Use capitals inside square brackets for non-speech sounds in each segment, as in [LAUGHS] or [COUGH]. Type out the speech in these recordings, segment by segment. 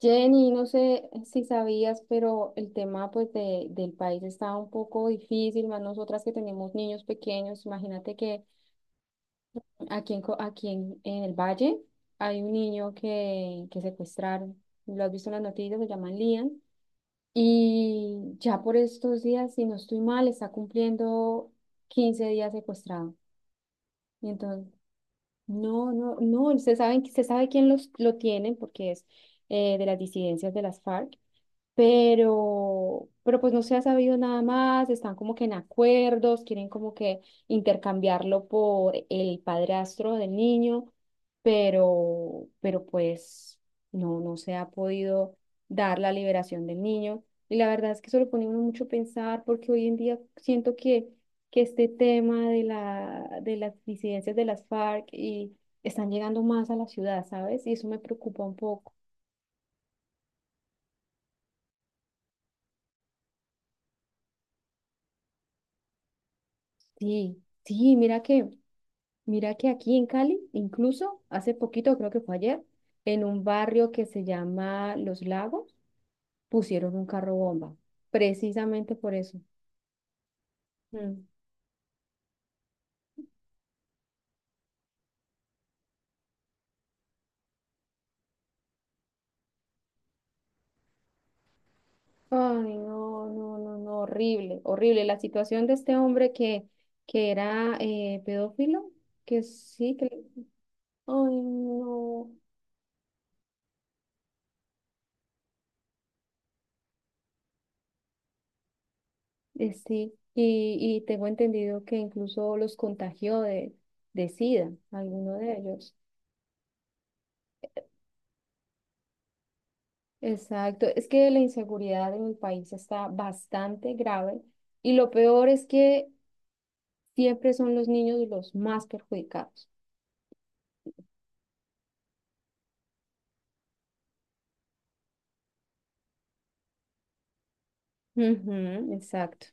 Jenny, no sé si sabías, pero el tema del país está un poco difícil, más nosotras que tenemos niños pequeños. Imagínate que aquí en, Co- aquí en el Valle hay un niño que secuestraron. Lo has visto en las noticias, se llama Lian. Y ya por estos días, si no estoy mal, está cumpliendo 15 días secuestrado. Y entonces, no, no, no, se saben, se sabe quién lo tienen porque es de las disidencias de las FARC, pero pues no se ha sabido nada más, están como que en acuerdos, quieren como que intercambiarlo por el padrastro del niño, pero pues no se ha podido dar la liberación del niño. Y la verdad es que eso lo pone uno mucho a pensar porque hoy en día siento que este tema de las disidencias de las FARC y están llegando más a la ciudad, ¿sabes? Y eso me preocupa un poco. Sí, sí, mira que aquí en Cali, incluso hace poquito, creo que fue ayer, en un barrio que se llama Los Lagos, pusieron un carro bomba, precisamente por eso. Mm. Ay, no, no, no, no, horrible, horrible. La situación de este hombre que era pedófilo, que sí, que... Ay, no, sí. Y tengo entendido que incluso los contagió de SIDA, alguno de ellos. Exacto, es que la inseguridad en el país está bastante grave y lo peor es que siempre son los niños los más perjudicados. Ujú, exacto,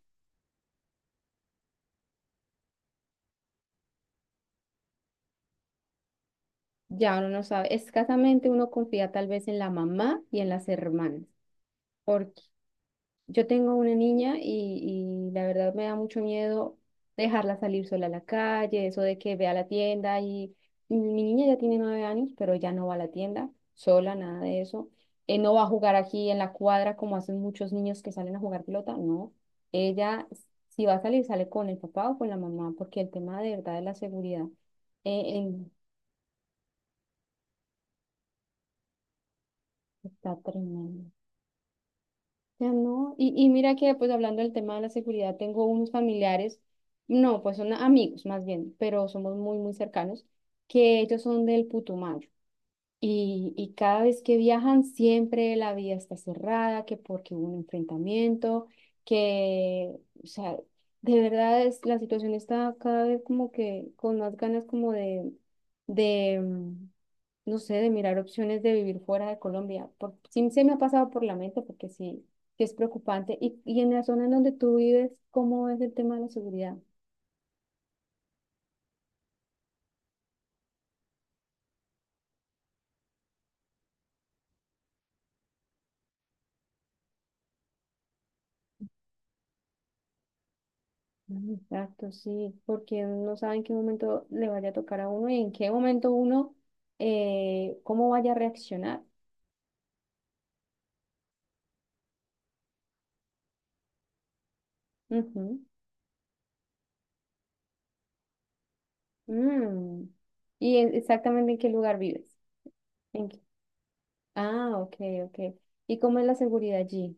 ya uno no sabe, escasamente uno confía tal vez en la mamá y en las hermanas. Porque yo tengo una niña y la verdad me da mucho miedo dejarla salir sola a la calle, eso de que ve a la tienda y mi niña ya tiene 9 años, pero ya no va a la tienda sola, nada de eso. No va a jugar aquí en la cuadra como hacen muchos niños que salen a jugar pelota, no. Ella, si va a salir, sale con el papá o con la mamá, porque el tema de verdad de la seguridad eh, en- está tremendo. Ya no, y mira que pues hablando del tema de la seguridad, tengo unos familiares, no, pues son amigos más bien, pero somos muy, muy cercanos, que ellos son del Putumayo. Y cada vez que viajan, siempre la vía está cerrada, que porque hubo un enfrentamiento, que, o sea, de verdad es, la situación está cada vez como que con más ganas como de, mm, no sé, de mirar opciones de vivir fuera de Colombia. Por, sí se me ha pasado por la mente porque sí, sí es preocupante. Y en la zona en donde tú vives, ¿cómo es el tema de la seguridad? Mm, exacto, sí, porque uno no sabe en qué momento le vaya a tocar a uno y en qué momento uno, cómo vaya a reaccionar. Ujú. Mm. ¿Y exactamente en qué lugar vives? ¿En qué- Ah, ok, ok. ¿Y cómo es la seguridad allí?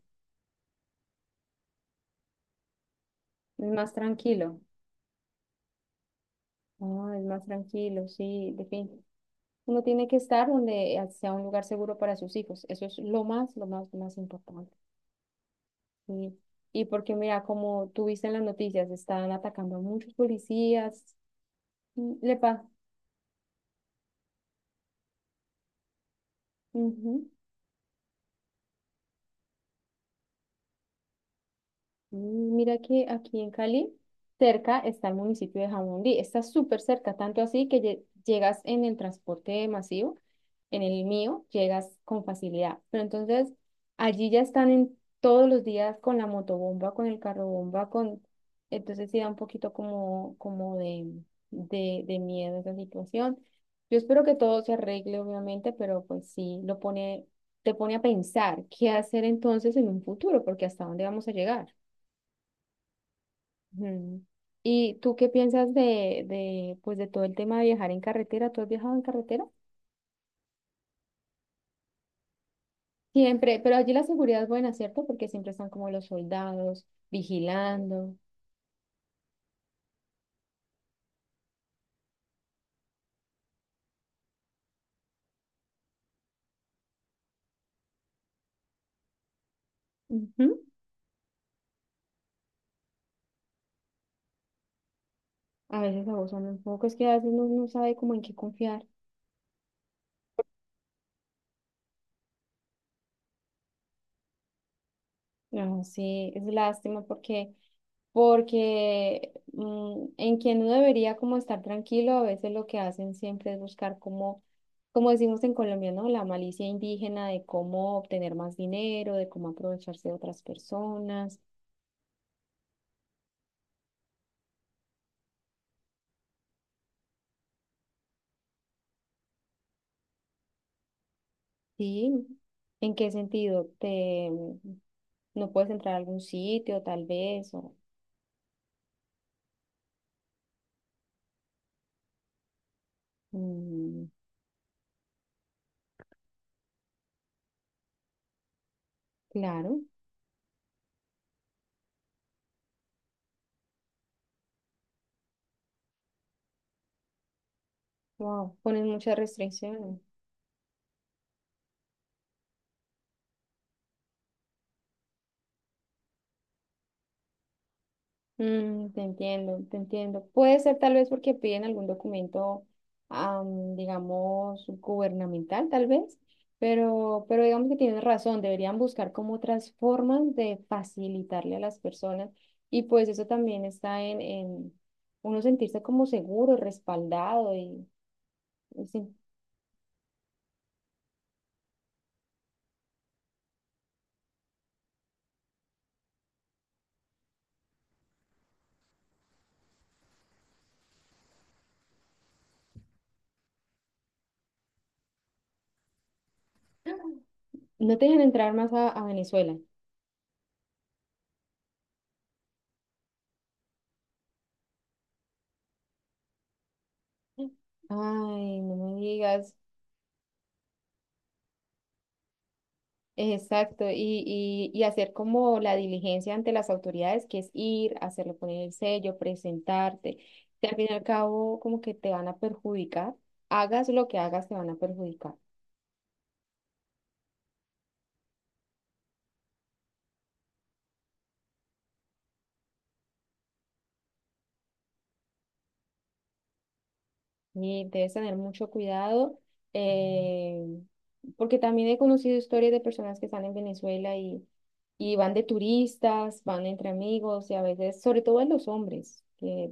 ¿Es más tranquilo? Ah, es más tranquilo, sí, definitivamente. Uno tiene que estar donde sea un lugar seguro para sus hijos. Eso es lo más, lo más, lo más importante. Y, y porque mira, como tú viste en las noticias, están atacando a muchos policías. Mm, le pasa. Mm, mira que aquí en Cali, cerca está el municipio de Jamundí. Está súper cerca, tanto así que llegas en el transporte masivo, en el mío, llegas con facilidad. Pero entonces, allí ya están en todos los días con la motobomba, con el carrobomba, con... Entonces sí da un poquito como, como de miedo esa situación. Yo espero que todo se arregle, obviamente, pero pues sí, lo pone, te pone a pensar qué hacer entonces en un futuro, porque hasta dónde vamos a llegar. Ujú. ¿Y tú qué piensas pues de todo el tema de viajar en carretera? ¿Tú has viajado en carretera? Siempre, pero allí la seguridad es buena, ¿cierto? Porque siempre están como los soldados vigilando. Ujú. A veces abusan un poco, es que a veces uno no sabe como en qué confiar. No, sí, es lástima porque porque en quien uno debería como estar tranquilo, a veces lo que hacen siempre es buscar como, como decimos en Colombia, ¿no? La malicia indígena de cómo obtener más dinero, de cómo aprovecharse de otras personas, ¿sí? ¿En qué sentido? No puedes entrar a algún sitio, tal vez, o, mm, claro, wow, ponen muchas restricciones. Mm, te entiendo, te entiendo. Puede ser tal vez porque piden algún documento, digamos, gubernamental, tal vez, pero digamos que tienes razón, deberían buscar como otras formas de facilitarle a las personas y pues eso también está en uno sentirse como seguro, respaldado y, y sin- no te dejan entrar más a Venezuela. Ay, no me digas. Exacto, y hacer como la diligencia ante las autoridades, que es ir, hacerlo poner el sello, presentarte, que al fin y al cabo como que te van a perjudicar, hagas lo que hagas, te van a perjudicar. Y debes tener mucho cuidado, eh, porque también he conocido historias de personas que están en Venezuela y van de turistas, van entre amigos y a veces, sobre todo en los hombres, que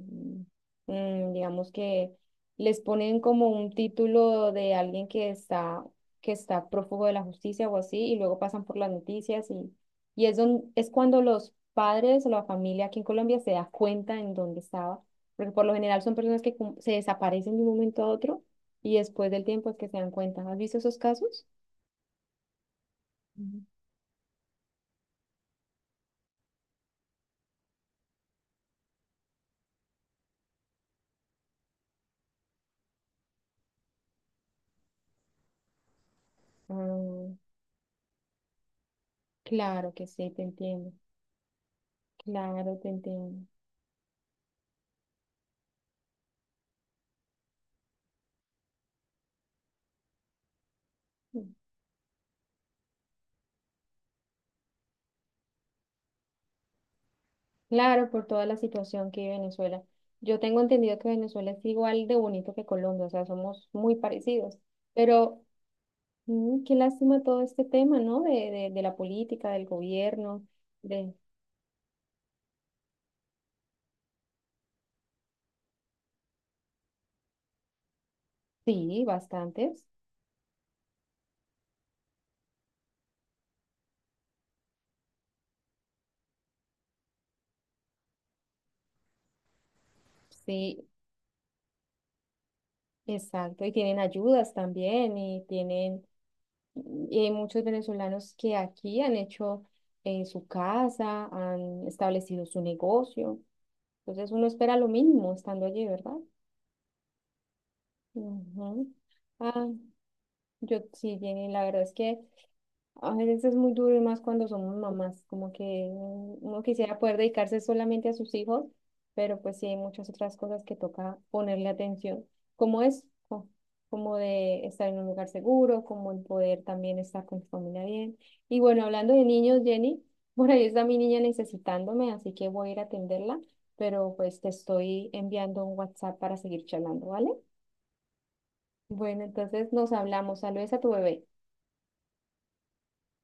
digamos que les ponen como un título de alguien que está prófugo de la justicia o así, y luego pasan por las noticias y es, es cuando los padres o la familia aquí en Colombia se da cuenta en dónde estaba porque por lo general son personas que se desaparecen de un momento a otro y después del tiempo es que se dan cuenta. ¿Has visto esos casos? Ujú. Ah, claro que sí, te entiendo. Claro, te entiendo. Mm. Claro, por toda la situación que vive Venezuela. Yo tengo entendido que Venezuela es igual de bonito que Colombia, o sea, somos muy parecidos. Pero mm, qué lástima todo este tema, ¿no? De la política, del gobierno, de... Sí, bastantes. Sí, exacto, y tienen ayudas también, y tienen y hay muchos venezolanos que aquí han hecho su casa, han establecido su negocio. Entonces uno espera lo mismo estando allí, ¿verdad? Ujú. Ah, yo sí, Jenny, la verdad es que a veces es muy duro y más cuando somos mamás, como que uno quisiera poder dedicarse solamente a sus hijos, pero pues sí hay muchas otras cosas que toca ponerle atención, como es, como de estar en un lugar seguro, como el poder también estar con tu familia bien. Y bueno, hablando de niños, Jenny, [LAUGHS] por ahí está mi niña necesitándome, así que voy a ir a atenderla, pero pues te estoy enviando un WhatsApp para seguir charlando, ¿vale? Bueno, entonces nos hablamos. Saludos a tu bebé.